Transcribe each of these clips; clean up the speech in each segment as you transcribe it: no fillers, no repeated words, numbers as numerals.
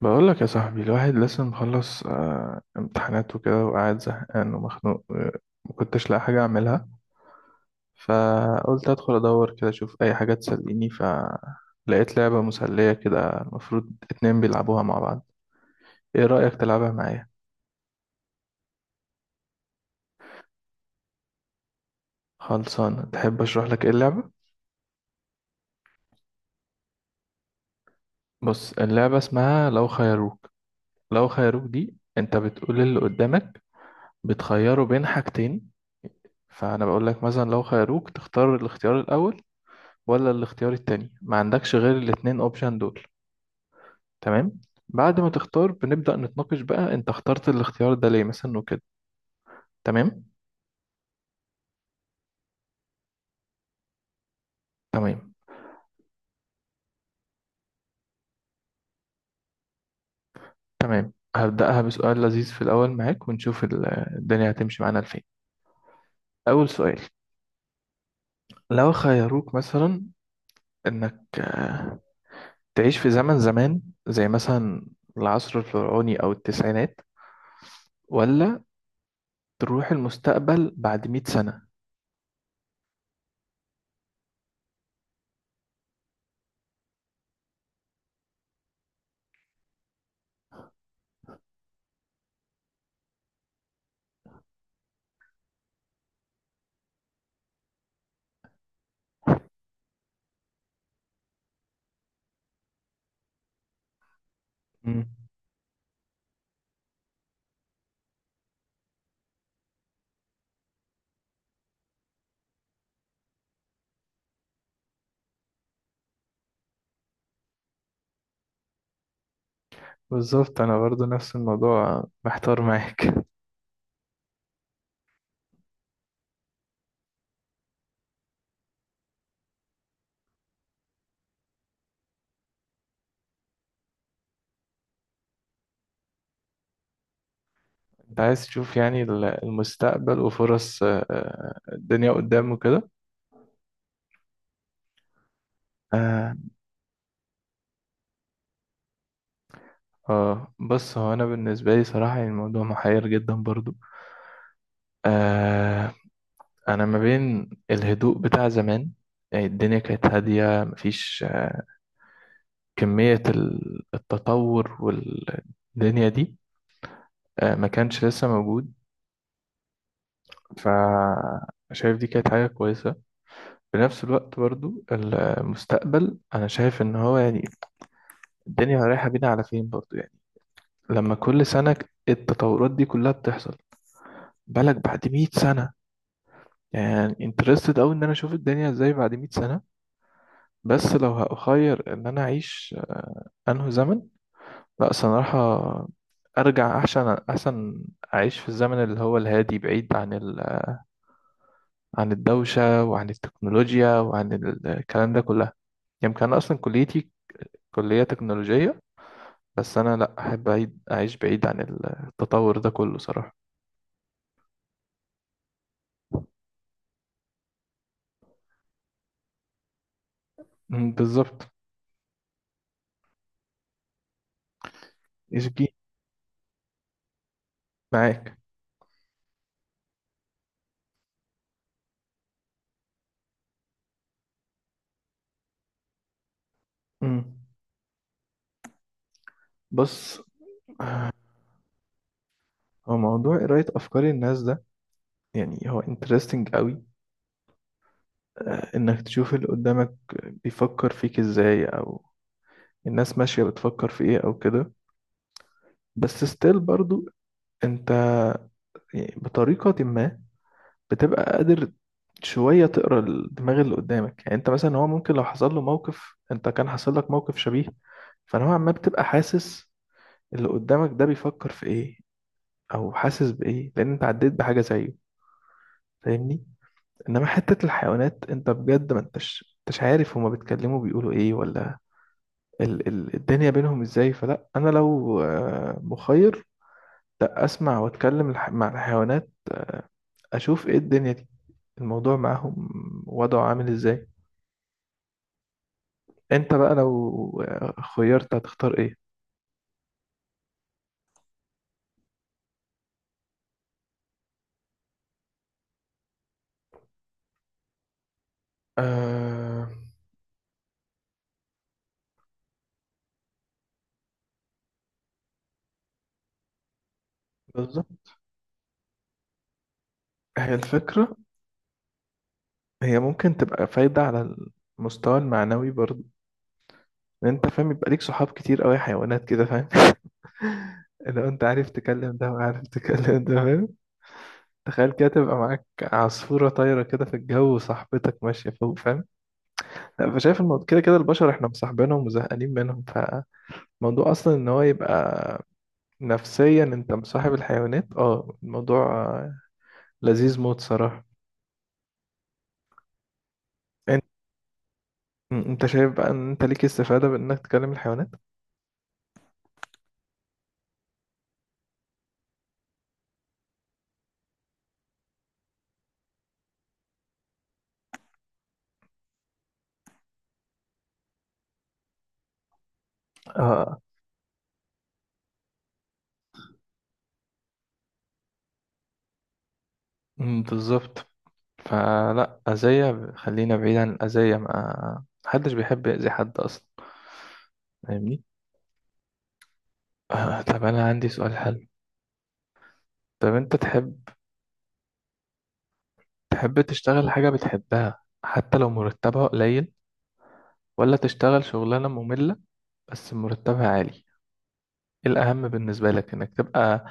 بقول لك يا صاحبي الواحد لسه مخلص امتحانات وكده وقاعد زهقان ومخنوق ما كنتش لاقي حاجة أعملها. فقلت أدخل أدور كده أشوف أي حاجة تسليني، فلقيت لعبة مسلية كده المفروض اتنين بيلعبوها مع بعض. إيه رأيك تلعبها معايا؟ خلصانة، تحب أشرح لك إيه اللعبة؟ بص، اللعبة اسمها لو خيروك. لو خيروك دي أنت بتقول اللي قدامك، بتخيره بين حاجتين. فأنا بقول لك مثلا لو خيروك تختار الاختيار الأول ولا الاختيار التاني، ما عندكش غير الاتنين اوبشن دول. تمام؟ بعد ما تختار بنبدأ نتناقش بقى، انت اخترت الاختيار ده ليه مثلا وكده. تمام تمام تمام. هبدأها بسؤال لذيذ في الأول معاك، ونشوف الدنيا هتمشي معانا لفين. أول سؤال، لو خيروك مثلا إنك تعيش في زمن زمان، زي مثلا العصر الفرعوني أو التسعينات، ولا تروح المستقبل بعد مئة سنة. مم. بالظبط، أنا برضو نفس الموضوع محتار معاك. انت عايز تشوف يعني المستقبل وفرص الدنيا قدام وكده. آه بص، هو أنا بالنسبة لي صراحة يعني الموضوع محير جدا برضو. آه، أنا ما بين الهدوء بتاع زمان، يعني الدنيا كانت هادية، مفيش كمية التطور والدنيا دي آه ما كانش لسه موجود. فشايف دي كانت حاجة كويسة. في نفس الوقت برضو المستقبل أنا شايف إن هو يعني الدنيا رايحة بينا على فين برضو يعني. لما كل سنة التطورات دي كلها بتحصل، بالك بعد 100 سنة؟ يعني انترستد أوي إن أنا أشوف الدنيا إزاي بعد 100 سنة. بس لو هأخير إن أنا أعيش أنهي زمن، لأ صراحة أرجع. أحسن أعيش في الزمن اللي هو الهادي، بعيد عن عن الدوشة وعن التكنولوجيا وعن الكلام ده كلها. يمكن أنا أصلا كليتي كلية تكنولوجية، بس أنا لأ، أحب أعيد أعيش بعيد عن التطور ده كله صراحة. مم، بالظبط. إيش جي؟ معاك. مم. بص، هو موضوع قراية أفكار الناس ده يعني هو interesting قوي. آه، إنك تشوف اللي قدامك بيفكر فيك إزاي، أو الناس ماشية بتفكر في إيه أو كده. بس ستيل برضو أنت يعني بطريقة ما بتبقى قادر شوية تقرا الدماغ اللي قدامك. يعني أنت مثلا هو ممكن لو حصل له موقف أنت كان حصل لك موقف شبيه، فنوعا ما بتبقى حاسس اللي قدامك ده بيفكر في إيه أو حاسس بإيه، لأن أنت عديت بحاجة زيه. فاهمني؟ انما حتة الحيوانات، انت بجد ما انتش عارف هما بيتكلموا بيقولوا ايه، ولا ال ال الدنيا بينهم ازاي. فلا، انا لو مخير، لا اسمع واتكلم مع الحيوانات، اشوف ايه الدنيا دي، الموضوع معاهم وضعه عامل ازاي. انت بقى لو خيرت هتختار ايه؟ آه، بالظبط. هي الفكرة، هي ممكن تبقى فايدة على المستوى المعنوي برضه. إن انت فاهم، يبقى ليك صحاب كتير قوي حيوانات كده، فاهم؟ لو انت عارف تكلم ده وعارف تكلم ده، فاهم؟ تخيل كده تبقى معاك عصفورة طايرة كده في الجو وصاحبتك ماشية فوق، فاهم؟ لا، فشايف الموضوع كده كده البشر احنا مصاحبينهم وزهقانين منهم، فالموضوع أصلا إن هو يبقى نفسيا أنت مصاحب الحيوانات، اه الموضوع لذيذ موت صراحة. أنت أنت شايف بقى إن أنت ليك استفادة بإنك تكلم الحيوانات؟ اه. أمم، بالظبط. فلا، أذية خلينا بعيد عن الأذية، ما محدش بيحب يأذي حد أصلا. فاهمني. آه، طب أنا عندي سؤال حلو. طب أنت تحب تشتغل حاجة بتحبها حتى لو مرتبها قليل، ولا تشتغل شغلانة مملة بس مرتبها عالي؟ ايه الأهم بالنسبة لك، انك تبقى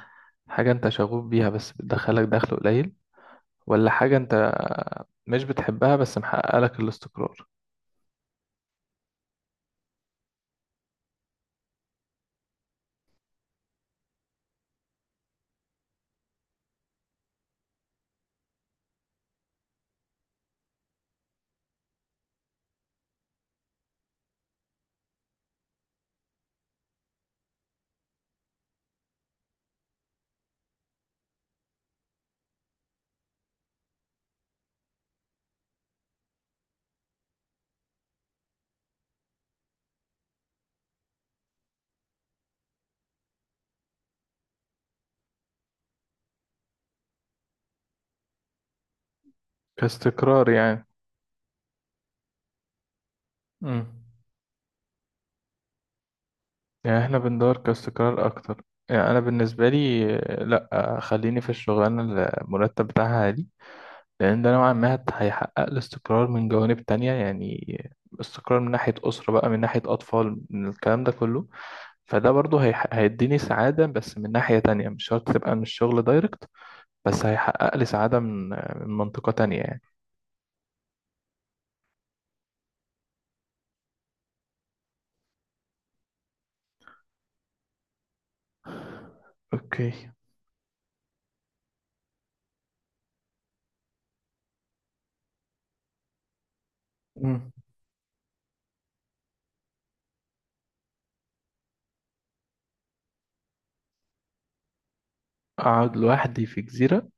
حاجة انت شغوف بيها بس بتدخلك دخل قليل، ولا حاجة انت مش بتحبها بس محقق لك الاستقرار؟ كاستقرار يعني. امم. يعني احنا بندور كاستقرار اكتر. يعني انا بالنسبة لي لا آه،، خليني في الشغلانة اللي المرتب بتاعها عالي، لأن ده نوعا ما هيحقق الاستقرار من جوانب تانية يعني. استقرار من ناحية أسرة بقى، من ناحية أطفال، من الكلام ده كله. فده برضه هيديني سعادة، بس من ناحية تانية مش شرط تبقى من الشغل دايركت، بس هيحقق لي سعادة من من منطقة تانية يعني. أوكي. مم. أقعد لوحدي في جزيرة،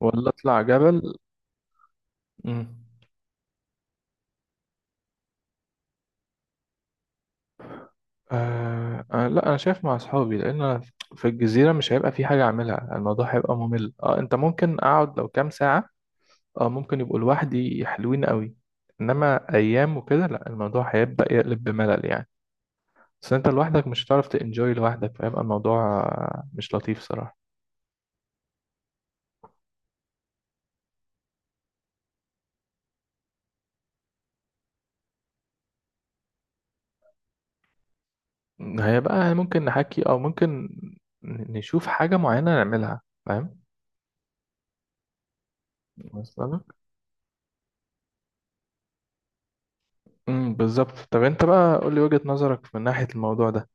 ولا أطلع جبل؟ مم. لا، أنا شايف مع أصحابي. لأن أنا في الجزيرة مش هيبقى في حاجة أعملها، الموضوع هيبقى ممل. أه، أنت ممكن أقعد لو كام ساعة، اه ممكن يبقوا لوحدي حلوين قوي، انما ايام وكده لا، الموضوع هيبدأ يقلب بملل يعني. بس انت لوحدك مش هتعرف تنجوي لوحدك، فيبقى الموضوع مش لطيف صراحة. هيبقى ممكن نحكي، او ممكن نشوف حاجة معينة نعملها، فاهم؟ مثلا. امم، بالظبط. طب انت بقى قول لي وجهة نظرك من ناحية الموضوع ده.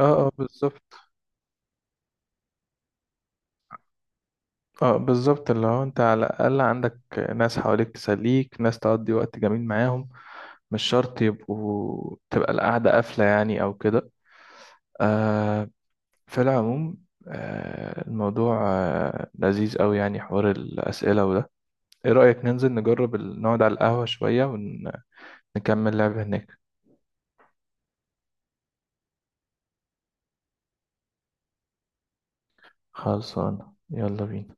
اه. اه بالظبط. اه بالظبط. اللي هو انت على الاقل عندك ناس حواليك تسليك، ناس تقضي وقت جميل معاهم، مش شرط يبقوا تبقى القعدة قافلة يعني أو كده. آه. في العموم، آه الموضوع آه لذيذ أوي يعني حوار الأسئلة وده. إيه رأيك ننزل نجرب نقعد على القهوة شوية ونكمل لعب هناك؟ خلصانة، يلا بينا.